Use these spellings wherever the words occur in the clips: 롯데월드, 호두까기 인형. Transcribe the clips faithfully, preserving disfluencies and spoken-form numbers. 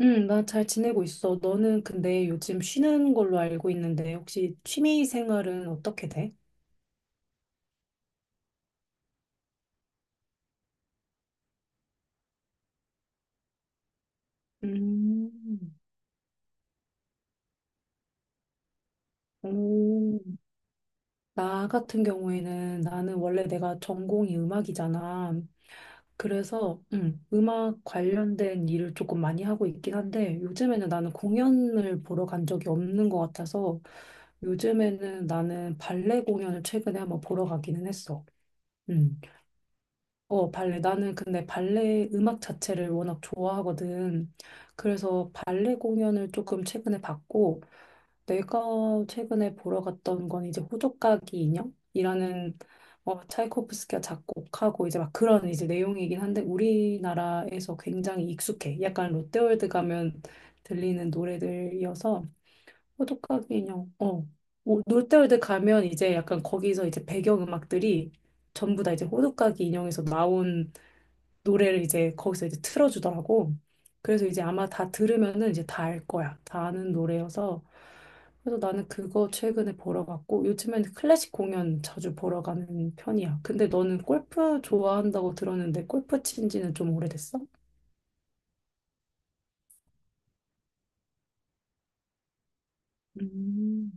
응, 나 잘 지내고 있어. 너는 근데 요즘 쉬는 걸로 알고 있는데, 혹시 취미 생활은 어떻게 돼? 음, 오, 나 같은 경우에는 나는 원래 내가 전공이 음악이잖아. 그래서 음, 음악 관련된 일을 조금 많이 하고 있긴 한데, 요즘에는 나는 공연을 보러 간 적이 없는 것 같아서, 요즘에는 나는 발레 공연을 최근에 한번 보러 가기는 했어. 응. 어, 발레. 나는 근데 발레 음악 자체를 워낙 좋아하거든. 그래서 발레 공연을 조금 최근에 봤고, 내가 최근에 보러 갔던 건 이제 호두까기 인형이라는 어, 차이코프스키가 작곡하고 이제 막 그런 이제 내용이긴 한데, 우리나라에서 굉장히 익숙해. 약간 롯데월드 가면 들리는 노래들이어서, 호두까기 인형, 어. 오, 롯데월드 가면 이제 약간 거기서 이제 배경음악들이 전부 다 이제 호두까기 인형에서 나온 노래를 이제 거기서 이제 틀어주더라고. 그래서 이제 아마 다 들으면은 이제 다 알 거야. 다 아는 노래여서. 그래서 나는 그거 최근에 보러 갔고, 요즘에는 클래식 공연 자주 보러 가는 편이야. 근데 너는 골프 좋아한다고 들었는데, 골프 친 지는 좀 오래됐어? 음.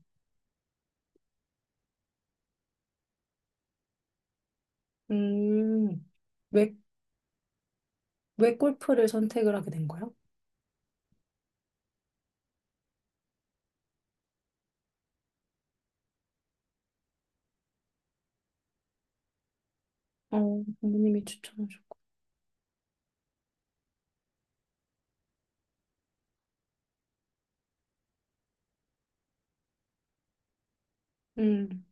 음, 왜, 왜 골프를 선택을 하게 된 거야? 어, 부모님이 추천하셨고. 음,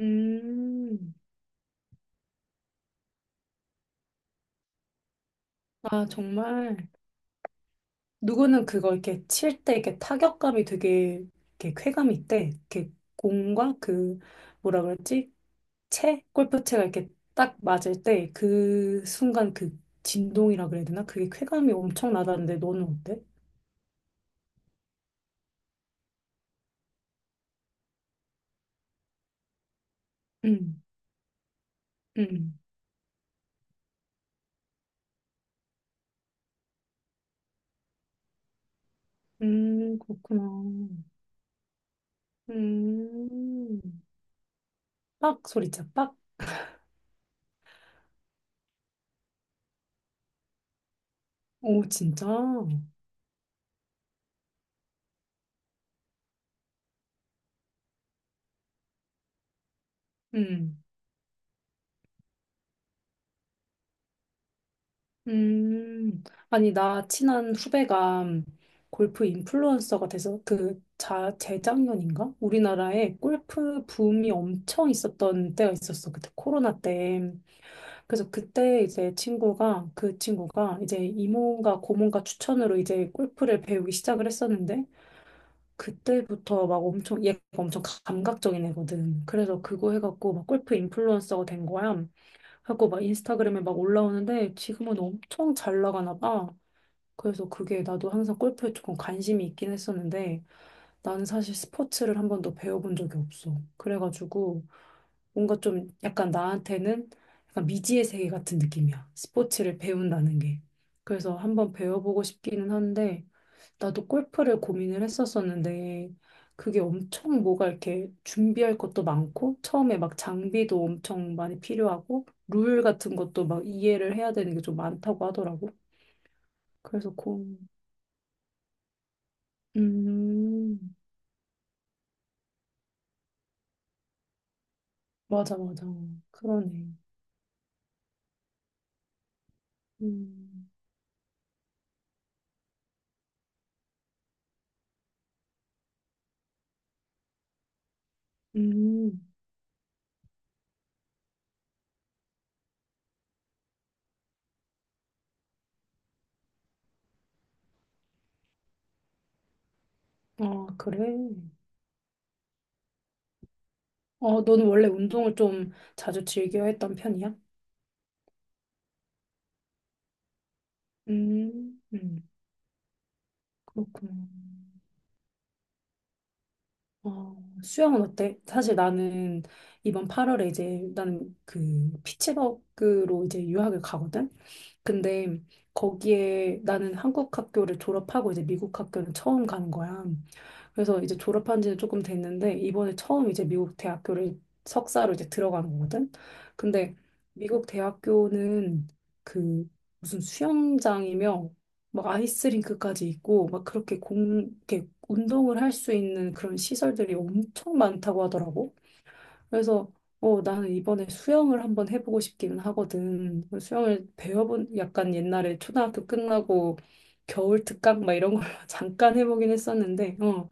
음, 아, 정말. 누구는 그거 이렇게 칠 때 이렇게 타격감이 되게 이렇게 쾌감이 있대. 이렇게 공과 그 뭐라 그랬지? 채? 골프채가 이렇게 딱 맞을 때 그 순간 그 진동이라 그래야 되나? 그게 쾌감이 엄청 나다는데 너는 어때? 음, 음, 음, 그렇구나. 음, 빡 소리쳐, 빡. 오, 진짜? 음. 음, 아니, 나 친한 후배가 골프 인플루언서가 돼서 그 자, 재작년인가? 우리나라에 골프 붐이 엄청 있었던 때가 있었어. 그때 코로나 때. 그래서 그때 이제 친구가, 그 친구가 이제 이모가 고모가 추천으로 이제 골프를 배우기 시작을 했었는데 그때부터 막 엄청, 얘가 엄청 감각적인 애거든. 그래서 그거 해갖고 막 골프 인플루언서가 된 거야. 하고 막 인스타그램에 막 올라오는데 지금은 엄청 잘 나가나 봐. 그래서 그게 나도 항상 골프에 조금 관심이 있긴 했었는데 나는 사실 스포츠를 한 번도 배워본 적이 없어. 그래가지고 뭔가 좀 약간 나한테는 약간 미지의 세계 같은 느낌이야. 스포츠를 배운다는 게. 그래서 한 번 배워보고 싶기는 한데 나도 골프를 고민을 했었었는데 그게 엄청 뭐가 이렇게 준비할 것도 많고 처음에 막 장비도 엄청 많이 필요하고 룰 같은 것도 막 이해를 해야 되는 게 좀 많다고 하더라고. 그래서 고, 음, 맞아, 맞아. 그러네. 음, 음, 아, 그래. 어, 너는 원래 운동을 좀 자주 즐겨 했던 편이야? 음, 음, 그렇구나. 어, 수영은 어때? 사실 나는 이번 팔 월에 이제 나는 그 피츠버그로 이제 유학을 가거든? 근데 거기에 나는 한국 학교를 졸업하고 이제 미국 학교는 처음 가는 거야. 그래서 이제 졸업한 지는 조금 됐는데 이번에 처음 이제 미국 대학교를 석사로 이제 들어가는 거거든. 근데 미국 대학교는 그 무슨 수영장이며 막 아이스링크까지 있고 막 그렇게 공 이렇게 운동을 할 수 있는 그런 시설들이 엄청 많다고 하더라고. 그래서 어 나는 이번에 수영을 한번 해보고 싶기는 하거든. 수영을 배워본 약간 옛날에 초등학교 끝나고 겨울 특강 막 이런 걸 잠깐 해보긴 했었는데 어,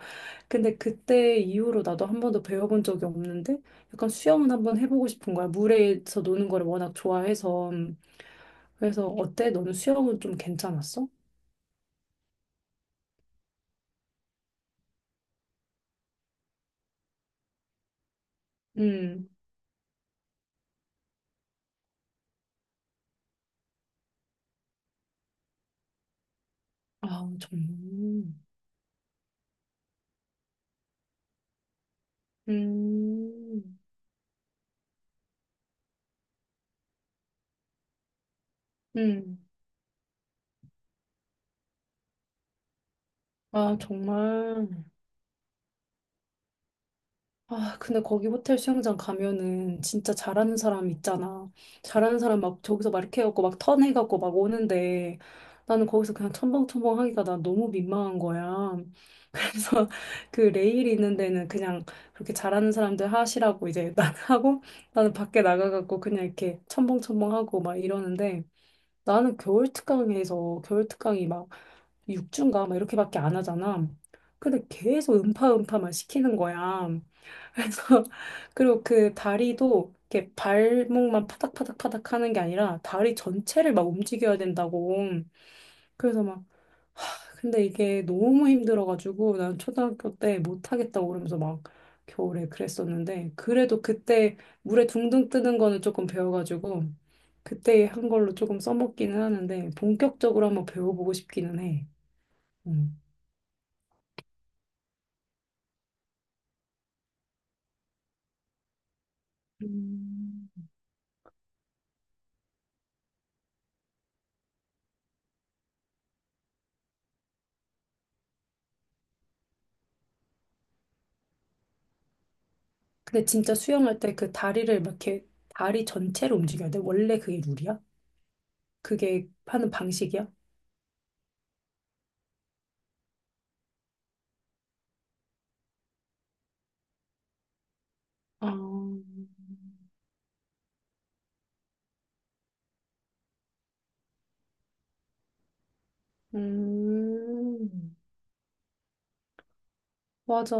근데 그때 이후로 나도 한 번도 배워본 적이 없는데 약간 수영은 한번 해보고 싶은 거야. 물에서 노는 거를 워낙 좋아해서. 그래서 어때? 너는 수영은 좀 괜찮았어? 음. 아, 정말. 음. 음. 아, 정말. 아, 근데 거기 호텔 수영장 가면은 진짜 잘하는 사람 있잖아. 잘하는 사람 막 저기서 막 이렇게 해갖고 막 턴해갖고 막 오는데 나는 거기서 그냥 첨벙첨벙 하기가 난 너무 민망한 거야. 그래서 그 레일 있는 데는 그냥 그렇게 잘하는 사람들 하시라고 이제 난 하고 나는 밖에 나가갖고 그냥 이렇게 첨벙첨벙 하고 막 이러는데 나는 겨울 특강에서 겨울 특강이 막 육 주인가 막 이렇게밖에 안 하잖아. 근데 계속 음파 음파만 시키는 거야. 그래서 그리고 그 다리도 이렇게 발목만 파닥파닥파닥 하는 게 아니라 다리 전체를 막 움직여야 된다고. 그래서 막 근데 이게 너무 힘들어가지고 난 초등학교 때 못하겠다고 그러면서 막 겨울에 그랬었는데 그래도 그때 물에 둥둥 뜨는 거는 조금 배워가지고 그때 한 걸로 조금 써먹기는 하는데 본격적으로 한번 배워보고 싶기는 해. 음. 음. 근데 진짜 수영할 때 그 다리를 막 이렇게 다리 전체를 움직여야 돼. 원래 그게 룰이야? 그게 하는 방식이야? 아, 음, 맞아.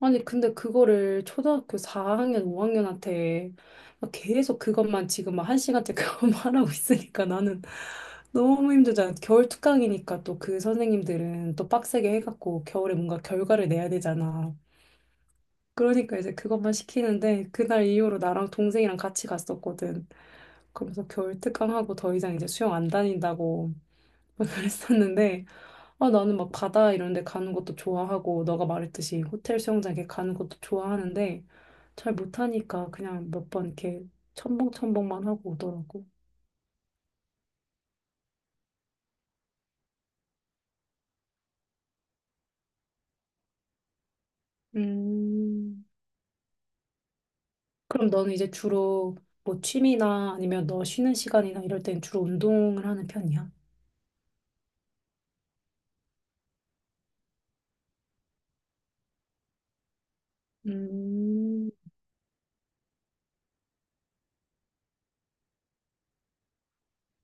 아니, 근데 그거를 초등학교 사 학년, 오 학년한테 계속 그것만 지금 막 한 시간째 그것만 하라고 있으니까 나는 너무 힘들잖아. 겨울 특강이니까 또 그 선생님들은 또 빡세게 해갖고 겨울에 뭔가 결과를 내야 되잖아. 그러니까 이제 그것만 시키는데 그날 이후로 나랑 동생이랑 같이 갔었거든. 그러면서 겨울 특강하고 더 이상 이제 수영 안 다닌다고 그랬었는데 아, 나는 막 바다 이런 데 가는 것도 좋아하고, 너가 말했듯이 호텔 수영장 이렇게 가는 것도 좋아하는데, 잘 못하니까 그냥 몇 번 이렇게 첨벙첨벙만 하고 오더라고. 음, 그럼 너는 이제 주로 뭐 취미나 아니면 너 쉬는 시간이나 이럴 땐 주로 운동을 하는 편이야? 음,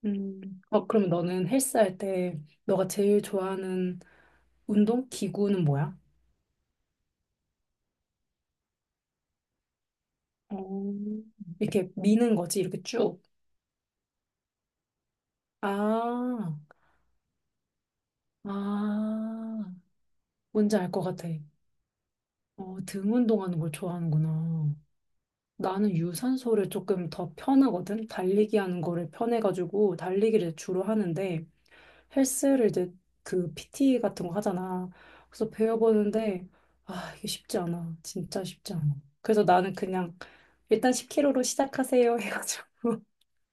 음. 어, 그럼 너는 헬스 할 때 너가 제일 좋아하는 운동 기구는 뭐야? 어, 이렇게 미는 거지, 이렇게 쭉. 아, 아, 뭔지 알 것 같아. 어, 등 운동하는 걸 좋아하는구나. 나는 유산소를 조금 더 편하거든. 달리기 하는 거를 편해가지고 달리기를 주로 하는데 헬스를 이제 그 피 티 같은 거 하잖아. 그래서 배워보는데 아, 이게 쉽지 않아. 진짜 쉽지 않아. 그래서 나는 그냥 일단 십 킬로로 시작하세요 해가지고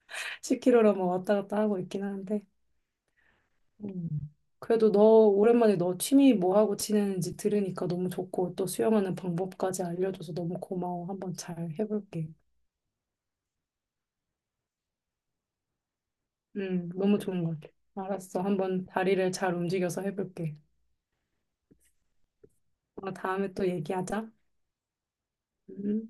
십 킬로로 뭐 왔다 갔다 하고 있긴 하는데 음. 그래도 너 오랜만에 너 취미 뭐 하고 지내는지 들으니까 너무 좋고 또 수영하는 방법까지 알려줘서 너무 고마워. 한번 잘 해볼게. 음, 너무 좋은 것 같아. 알았어. 한번 다리를 잘 움직여서 해볼게. 어, 다음에 또 얘기하자. 음.